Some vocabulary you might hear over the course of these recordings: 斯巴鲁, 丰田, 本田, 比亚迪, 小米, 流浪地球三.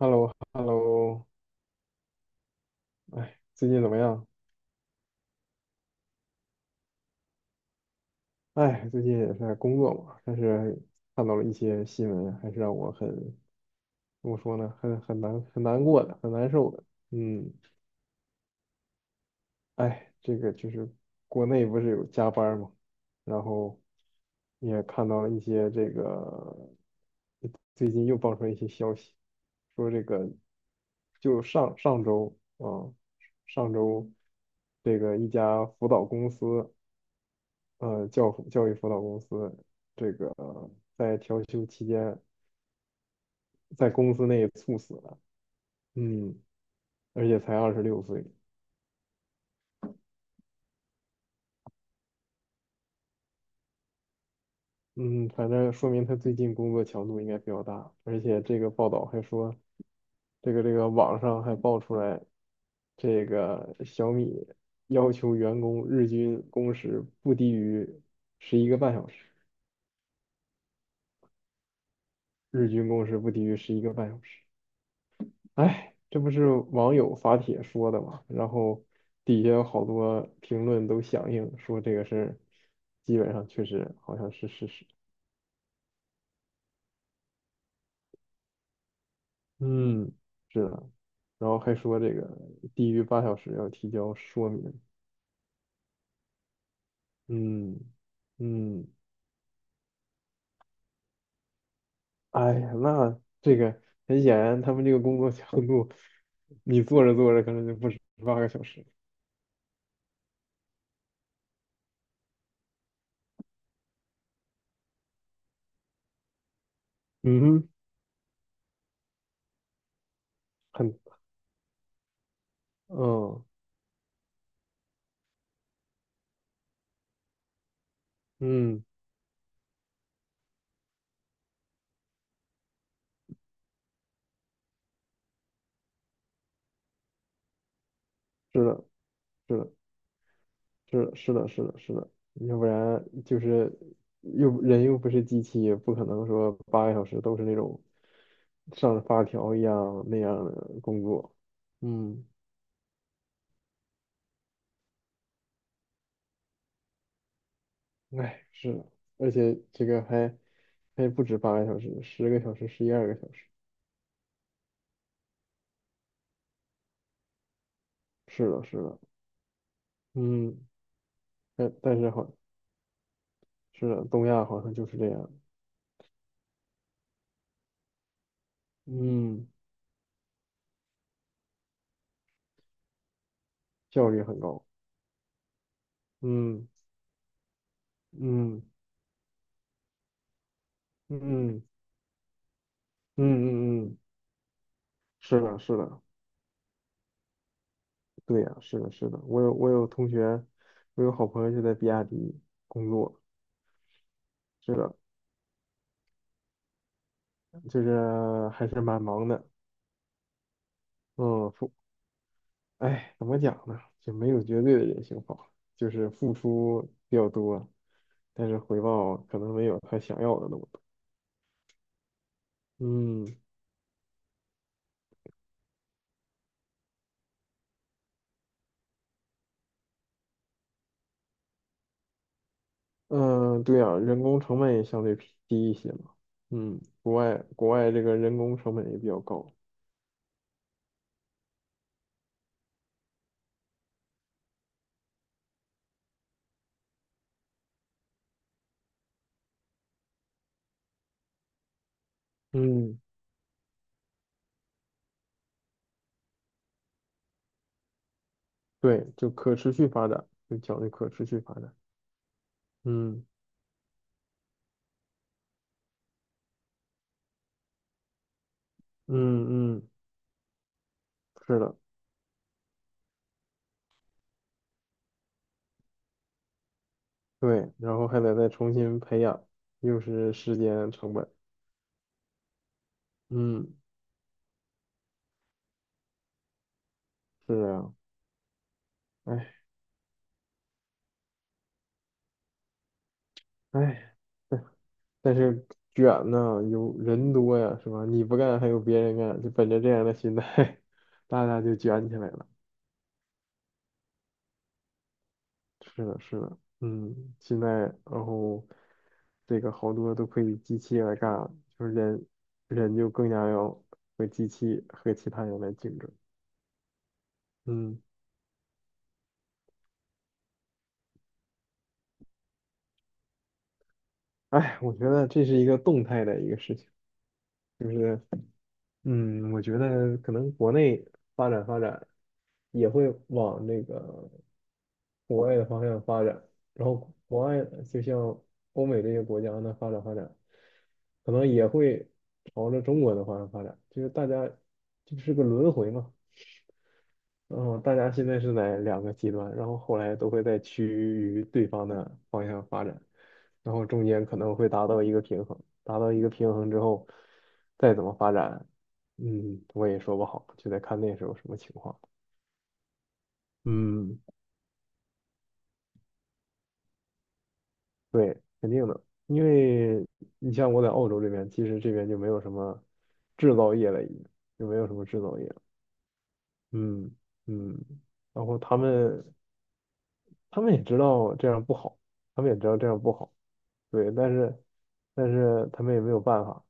h e l l o h e l l o 哎，最近怎么样？哎，最近也是在工作嘛，但是看到了一些新闻，还是让我怎么说呢，很难过的，很难受的。嗯。哎，这个就是国内不是有加班儿嘛，然后也看到了一些这个最近又爆出来一些消息，说这个就上上周啊，上周这个一家辅导公司。教育辅导公司这个在调休期间在公司内猝死了。嗯。而且才26岁。嗯，反正说明他最近工作强度应该比较大，而且这个报道还说，这个网上还爆出来，这个小米要求员工日均工时不低于十一个半小时，日均工时不低于十一个半小时。哎，这不是网友发帖说的嘛，然后底下有好多评论都响应说这个事儿，基本上确实好像是事实。嗯，是的，然后还说这个低于8小时要提交说明。嗯嗯。哎呀，那这个很显然他们这个工作强度，你做着做着可能就不止八个小时。嗯哼。很，嗯嗯，是的。是的。是的，是的，要不然就是人又不是机器，也不可能说八个小时都是那种上发条一样那样的工作。嗯，哎，是的，而且这个还不止八个小时，10个小时，11、12个小时。是的，是的。嗯，但是好，是的，东亚好像就是这样。嗯，效率很高。嗯嗯嗯嗯嗯嗯。嗯，是的，是的。对呀，是的，是的，我有同学，我有好朋友就在比亚迪工作，是的，就是还是蛮忙的。嗯，哎，怎么讲呢？就没有绝对的人性化，就是付出比较多，但是回报可能没有他想要的那么多。嗯嗯，对呀，人工成本也相对低一些嘛。嗯，国外这个人工成本也比较高。嗯，对，就可持续发展，就讲究可持续发展。嗯嗯嗯。是的，对，然后还得再重新培养，又是时间成本。嗯，是啊。哎哎，但但是卷呢，有人多呀，是吧？你不干还有别人干，就本着这样的心态，大家就卷起来了。是的，是的，嗯，现在然后这个好多都可以机器来干了，就是人就更加要和机器和其他人来竞争。嗯，哎，我觉得这是一个动态的一个事情。就是。嗯，我觉得可能国内发展发展也会往那个国外的方向发展，然后国外就像欧美这些国家呢发展发展，可能也会朝着中国的方向发展，就是大家就是个轮回嘛。然后大家现在是在两个极端，然后后来都会在趋于对方的方向发展，然后中间可能会达到一个平衡，达到一个平衡之后，再怎么发展，嗯，我也说不好，就得看那时候什么情况。嗯，肯定的，因为你像我在澳洲这边，其实这边就没有什么制造业了，已经就没有什么制造业了。嗯嗯。然后他们也知道这样不好，他们也知道这样不好。对，但是他们也没有办法。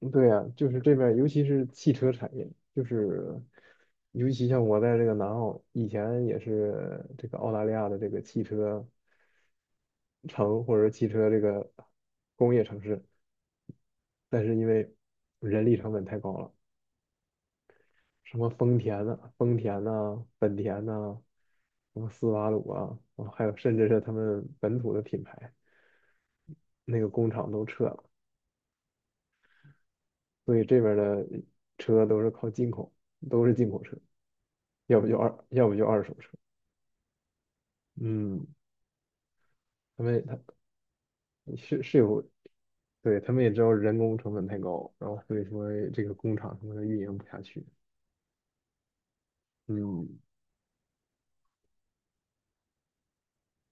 嗯对呀、就是这边儿尤其是汽车产业，就是尤其像我在这个南澳，以前也是这个澳大利亚的这个汽车城或者汽车这个工业城市，但是因为人力成本太高了，什么丰田呐、本田呐、什么斯巴鲁啊还有甚至是他们本土的品牌，那个工厂都撤了。所以这边儿的车都是靠进口，都是进口车，要不就二手车。嗯，他是有，对，他们也知道人工成本太高，然后所以说这个工厂他们运营不下去。嗯，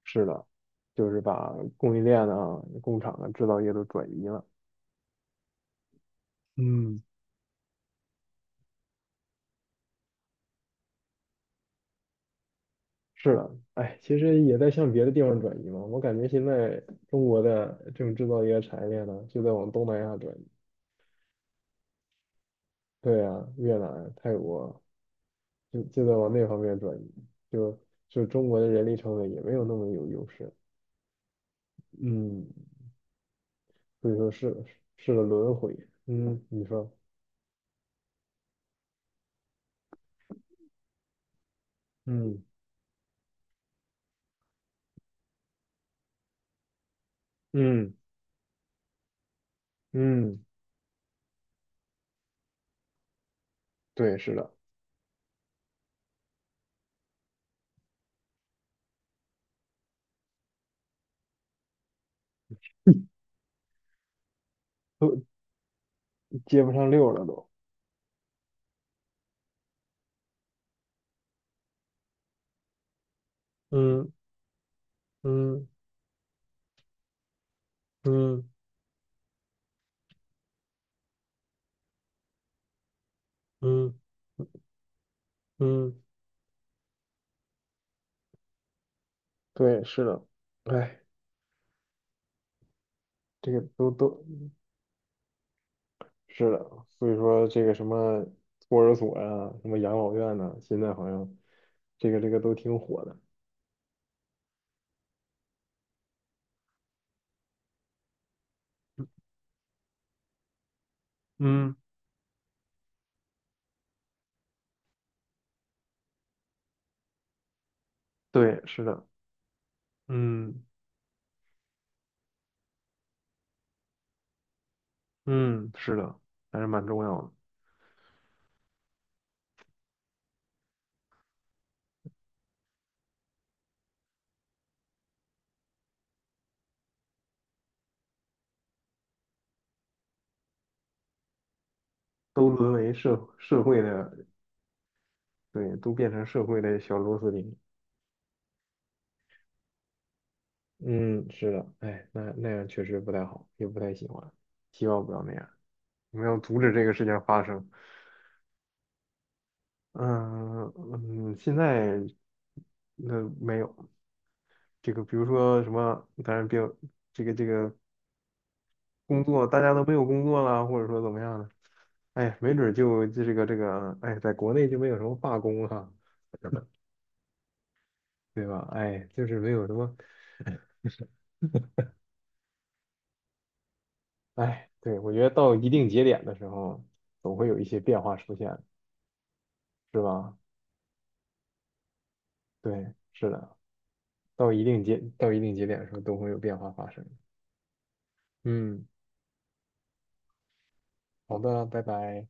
是的，就是把供应链啊、工厂啊、制造业都转移了。嗯，是的，哎，其实也在向别的地方转移嘛。我感觉现在中国的这种制造业产业链呢，就在往东南亚转移。对啊，越南、泰国。就在往那方面转移，就就中国的人力成本也没有那么有优势。嗯，所以说是个轮回。嗯，你说。嗯嗯嗯，对，是的，都接不上溜了都。嗯嗯嗯嗯嗯。对，是的，哎，这个都是的，所以说这个什么托儿所呀、什么养老院呐、现在好像这个都挺火的。嗯，对，是的。嗯。嗯，是的，还是蛮重要的，都沦为社会的，对，都变成社会的小螺丝钉。嗯，是的，哎，那样确实不太好，也不太喜欢，希望不要那样。我们要阻止这个事情发生。嗯嗯。现在那没有这个，比如说什么，当然别有这个工作，大家都没有工作了，或者说怎么样的，哎，没准儿就这个，哎，在国内就没有什么罢工哈、对吧？哎，就是没有什么。哎，对，我觉得到一定节点的时候，总会有一些变化出现，是吧？对，是的，到一定节点的时候，都会有变化发生。嗯，好的，拜拜。